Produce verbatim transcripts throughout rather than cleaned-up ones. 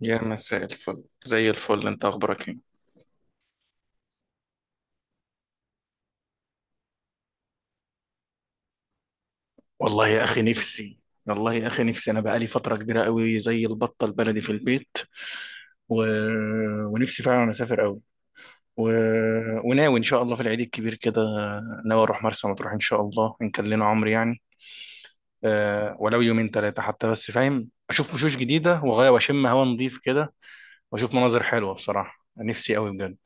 يا مساء الفل، زي الفل. انت اخبارك ايه؟ والله يا اخي نفسي. والله يا اخي نفسي، انا بقالي فتره كبيره قوي زي البطه البلدي في البيت. و... ونفسي فعلا اسافر قوي. و... وناوي ان شاء الله في العيد الكبير كده، ناوي اروح مرسى مطروح ان شاء الله ان كان لنا عمر يعني. أه، ولو يومين ثلاثه حتى، بس فاهم، اشوف وشوش جديده وغايه، واشم هوا نظيف كده، واشوف مناظر حلوه. بصراحه نفسي قوي بجد.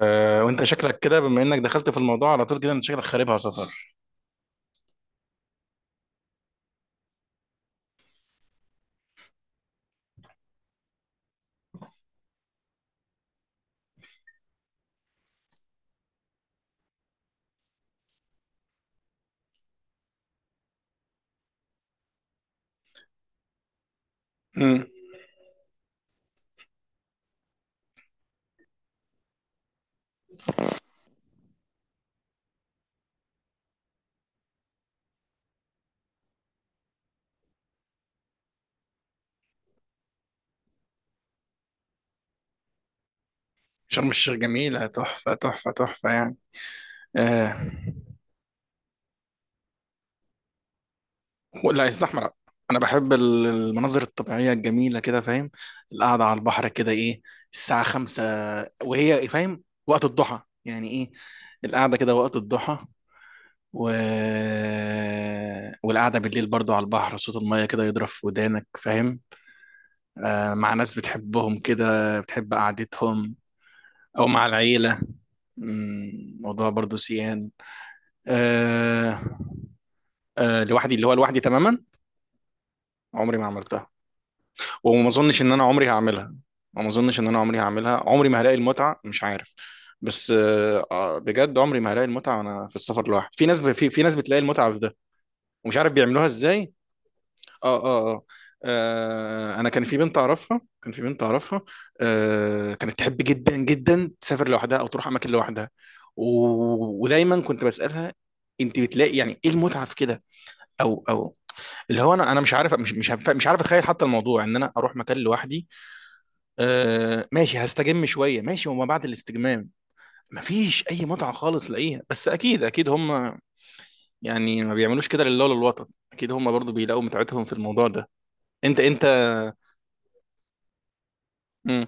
أه، وانت شكلك كده، بما انك دخلت في الموضوع على طول كده، انت شكلك خاربها سفر. شرم الشيخ جميلة، تحفة تحفة تحفة يعني. آه، ولا يستحمل. أنا بحب ال- المناظر الطبيعية الجميلة كده، فاهم، القعدة على البحر كده، إيه، الساعة خمسة، وهي فاهم وقت الضحى، يعني إيه القعدة كده وقت الضحى. و... والقعدة بالليل برضو على البحر، صوت المية كده يضرب في ودانك، فاهم، آه، مع ناس بتحبهم كده، بتحب قعدتهم، أو مع العيلة. مم، موضوع برضو سيان. آه آه، لوحدي، اللي هو لوحدي تماما. عمري ما عملتها، وما اظنش ان انا عمري هعملها. ما اظنش ان انا عمري هعملها، عمري ما هلاقي المتعه، مش عارف. بس آه آه، بجد عمري ما هلاقي المتعه وانا في السفر لوحدي. في ناس ب... في... في ناس بتلاقي المتعه في ده، ومش عارف بيعملوها ازاي. اه اه اه. آه، انا كان في بنت اعرفها، كان في بنت اعرفها آه، كانت تحب جدا جدا تسافر لوحدها او تروح اماكن لوحدها. و... ودايما كنت بسالها: انت بتلاقي يعني ايه المتعه في كده؟ او او، اللي هو، انا انا مش عارف، مش مش هف- مش عارف اتخيل حتى الموضوع ان انا اروح مكان لوحدي. آه، ماشي هستجم شويه، ماشي، وما بعد الاستجمام مفيش اي متعه خالص لاقيها. بس اكيد اكيد هم، يعني ما بيعملوش كده لله ولا الوطن، اكيد هم برضو بيلاقوا متعتهم في الموضوع ده. انت انت. مم.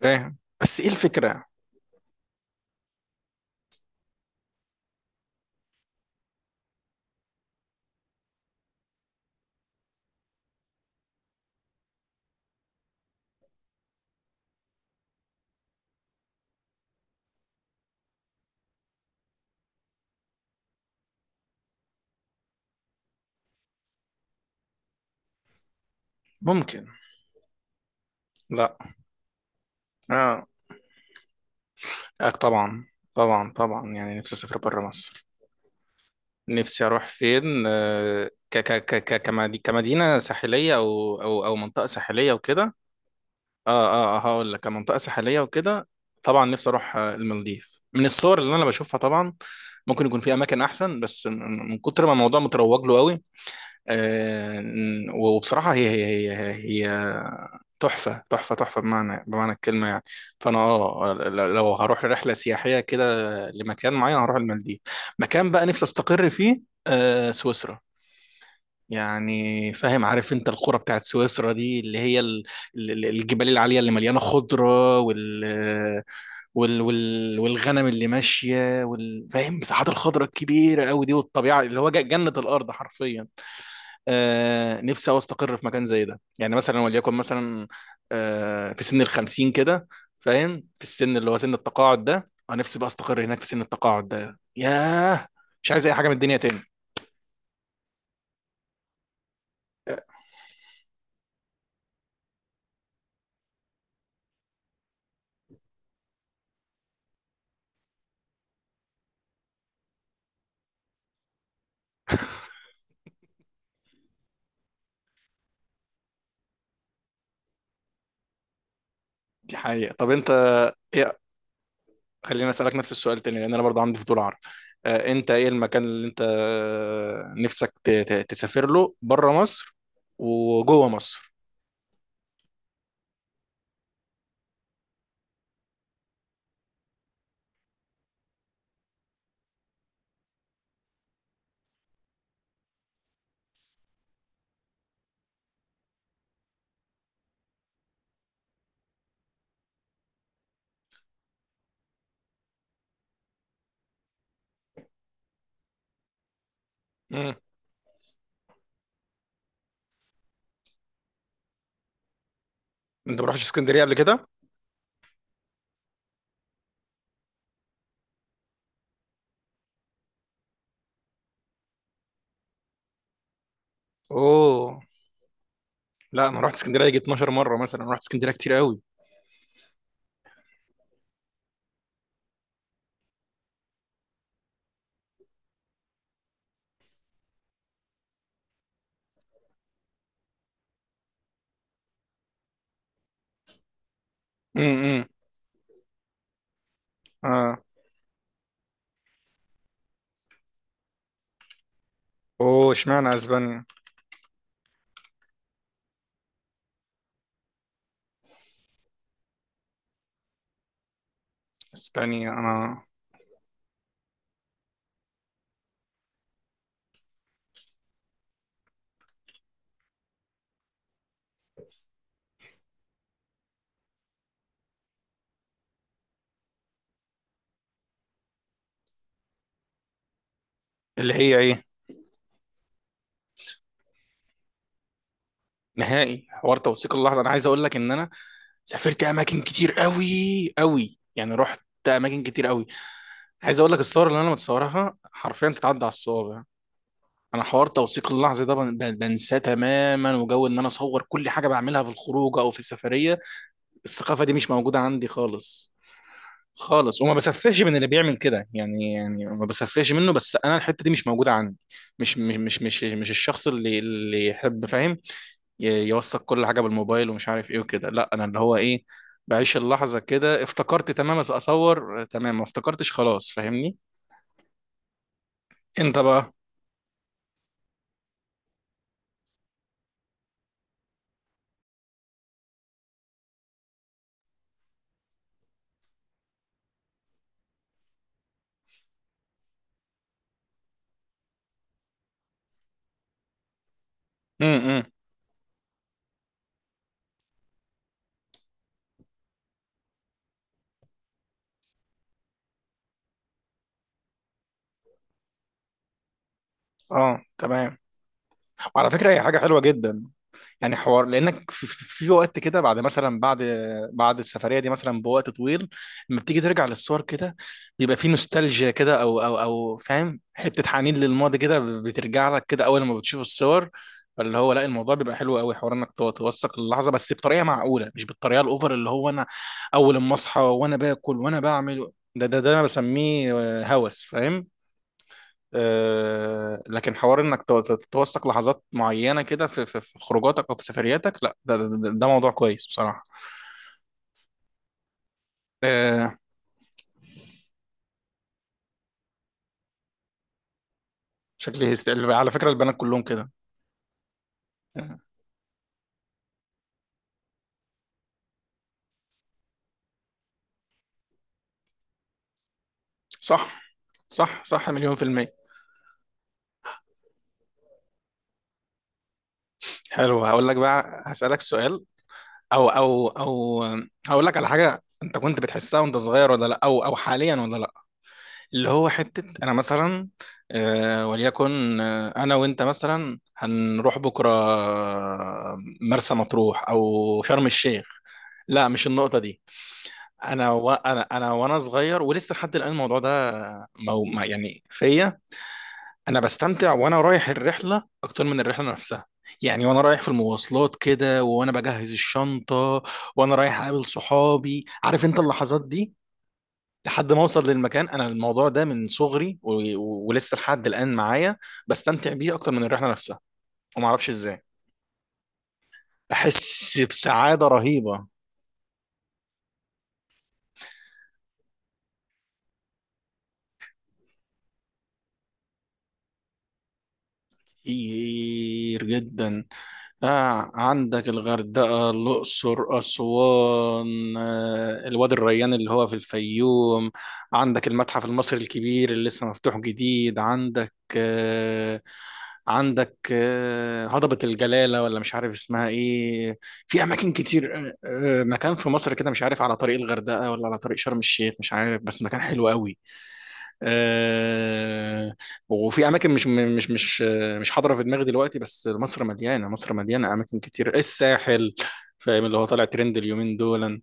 فاهم بس ايه الفكره؟ ممكن. لا. اه. آه، طبعا، طبعا طبعا، يعني نفسي اسافر بره مصر. نفسي اروح فين؟ آه، ك ك ك ك- كمدي- كمدينه ساحليه، او او او منطقه ساحليه وكده. اه اه، آه، هقول لك، كمنطقة ساحلية وكده. طبعا نفسي اروح، آه، المالديف. من الصور اللي انا بشوفها، طبعا ممكن يكون في اماكن احسن، بس من من كتر ما الموضوع متروج له قوي. آه، وبصراحة هي هي هي هي, هي تحفة تحفة تحفة، بمعنى بمعنى الكلمة يعني. فانا، اه ل- لو هروح رحلة سياحية كده لمكان معين، هروح المالديف. مكان بقى نفسي استقر فيه، آه، سويسرا. يعني فاهم، عارف انت القرى بتاعت سويسرا دي، اللي هي ال- ال- الجبال العالية اللي مليانة خضرة، وال وال وال والغنم اللي ماشية، وال فاهم، مساحات الخضرة الكبيرة قوي دي، والطبيعة اللي هو ج- جنة الأرض حرفيا. آه، نفسي أوي أستقر في مكان زي ده، يعني مثلا، وليكن مثلا، آه، في سن الخمسين كده، فاهم، في السن اللي هو سن التقاعد ده. أنا نفسي بقى أستقر هناك في سن التقاعد ده. ياه، مش عايز أي حاجة من الدنيا تاني. آه، دي حقيقة. طب أنت، ايه، خليني اسالك نفس السؤال تاني، لان انا برضه عندي فضول اعرف. آه، انت ايه المكان اللي انت، آه، نفسك ت- ت- تسافر له بره مصر وجوه مصر؟ مم. انت ما رحتش اسكندريه قبل كده؟ اوه، لا، انا رحت اسكندريه يجي اثنا عشر مره، مثلا رحت اسكندريه كتير قوي. امم، اه، اوه، اشمعنى اسبانيا؟ اسبانيا، انا، اللي هي ايه، نهائي حوار توثيق اللحظه. انا عايز اقول لك ان انا سافرت اماكن كتير قوي، قوي يعني، رحت اماكن كتير قوي. عايز اقول لك، الصور اللي انا متصورها حرفيا تتعدى على الصوابع. انا حوار توثيق اللحظه ده بن- بن- بنساه تماما، وجو ان انا اصور كل حاجه بعملها في الخروج او في السفريه، الثقافه دي مش موجوده عندي خالص خالص. وما بسفهش من اللي بيعمل كده، يعني يعني ما بسفهش منه، بس انا الحته دي مش موجوده عندي. مش مش مش مش, مش الشخص اللي اللي يحب، فاهم، ي- يوثق كل حاجه بالموبايل ومش عارف ايه وكده. لا، انا اللي هو، ايه، بعيش اللحظه كده، افتكرت تمام اصور، تمام، ما افتكرتش خلاص، فاهمني. انت بقى؟ امم. اه، تمام. وعلى فكره هي حاجه حلوه جدا، يعني حوار لانك في, في في وقت كده بعد مثلا، بعد بعد السفريه دي مثلا بوقت طويل، لما بتيجي ترجع للصور كده، بيبقى في نوستالجيا كده، او او او فاهم، حته حنين للماضي كده، بترجع لك كده اول ما بتشوف الصور. فاللي هو، لا، الموضوع بيبقى حلو قوي، حوار انك تو- توثق اللحظه، بس بطريقه معقوله، مش بالطريقه الاوفر اللي هو انا اول ما اصحى وانا باكل وانا بعمل. ده ده ده انا بسميه، آه، هوس فاهم. آه، لكن حوار انك تو- تو- توثق لحظات معينه كده في في في خروجاتك او في سفرياتك، لا، ده, ده, ده ده موضوع كويس بصراحه. آه، شكلي هست... على فكره البنات كلهم كده. آه، صح صح صح، مليون في المية. حلو، هقول لك بقى، هسألك سؤال، او او او هقول لك على حاجة انت كنت بتحسها وانت صغير ولا لا، او او حاليا ولا لا، اللي هو حتة أنا مثلا، آه، وليكن، آه، أنا وأنت مثلا هنروح بكرة، آه، مرسى مطروح أو شرم الشيخ. لا، مش النقطة دي. أنا و... أنا أنا وأنا صغير ولسه لحد الآن الموضوع ده، مو... ما- يعني فيا، أنا بستمتع وأنا رايح الرحلة أكتر من الرحلة نفسها، يعني وأنا رايح في المواصلات كده، وأنا بجهز الشنطة، وأنا رايح أقابل صحابي، عارف أنت اللحظات دي، لحد ما اوصل للمكان. انا الموضوع ده من صغري و... و... ولسه لحد الان معايا، بستمتع بيه اكتر من الرحله نفسها، وما اعرفش ازاي، بحس بسعاده رهيبه. كتير جدا. آه، عندك الغردقه، الاقصر، اسوان، آه، الوادي الريان اللي هو في الفيوم، عندك المتحف المصري الكبير اللي لسه مفتوح جديد، عندك، آه، عندك، آه، هضبة الجلالة ولا مش عارف اسمها ايه. في اماكن كتير. آه، آه، مكان في مصر كده مش عارف على طريق الغردقة ولا على طريق شرم الشيخ، مش عارف، بس مكان حلو قوي. آه، وفي اماكن مش مش مش آه، مش حاضرة في دماغي دلوقتي، بس مصر مليانة. مصر مليانة اماكن كتير. الساحل، فاهم، اللي هو طالع ترند اليومين دول،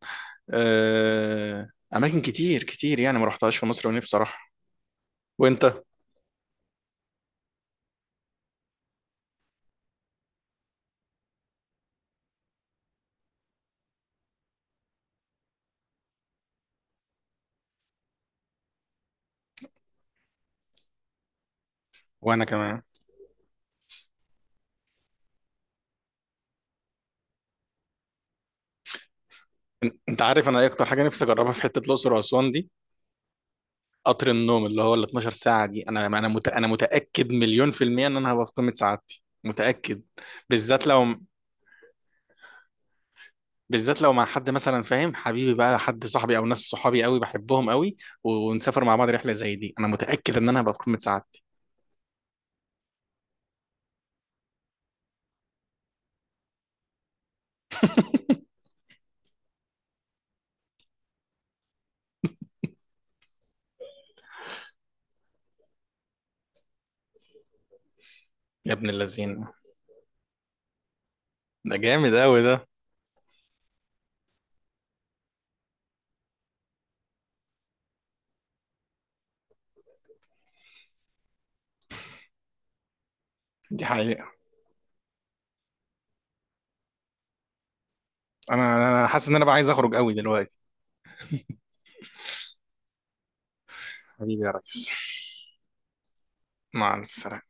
آه، اماكن كتير كتير يعني ما رحتهاش في مصر ونفسي اروح. وانت؟ وانا كمان. انت عارف انا ايه اكتر حاجه نفسي اجربها في حته الاقصر واسوان دي؟ قطر النوم اللي هو ال اتناشر ساعة دي. انا انا مت... انا متأكد مليون في المية ان انا هبقى في قمة سعادتي، متأكد. بالذات لو بالذات لو مع حد مثلا، فاهم حبيبي بقى، حد صاحبي او ناس صحابي قوي بحبهم قوي، و- ونسافر مع بعض رحلة زي دي، انا متأكد ان انا هبقى في قمة سعادتي. يا ابن اللذين، ده جامد قوي ده. دي حقيقة. انا انا أنا حاسس ان انا بقى عايز اخرج قوي دلوقتي. حبيبي يا ريس. مع السلامة.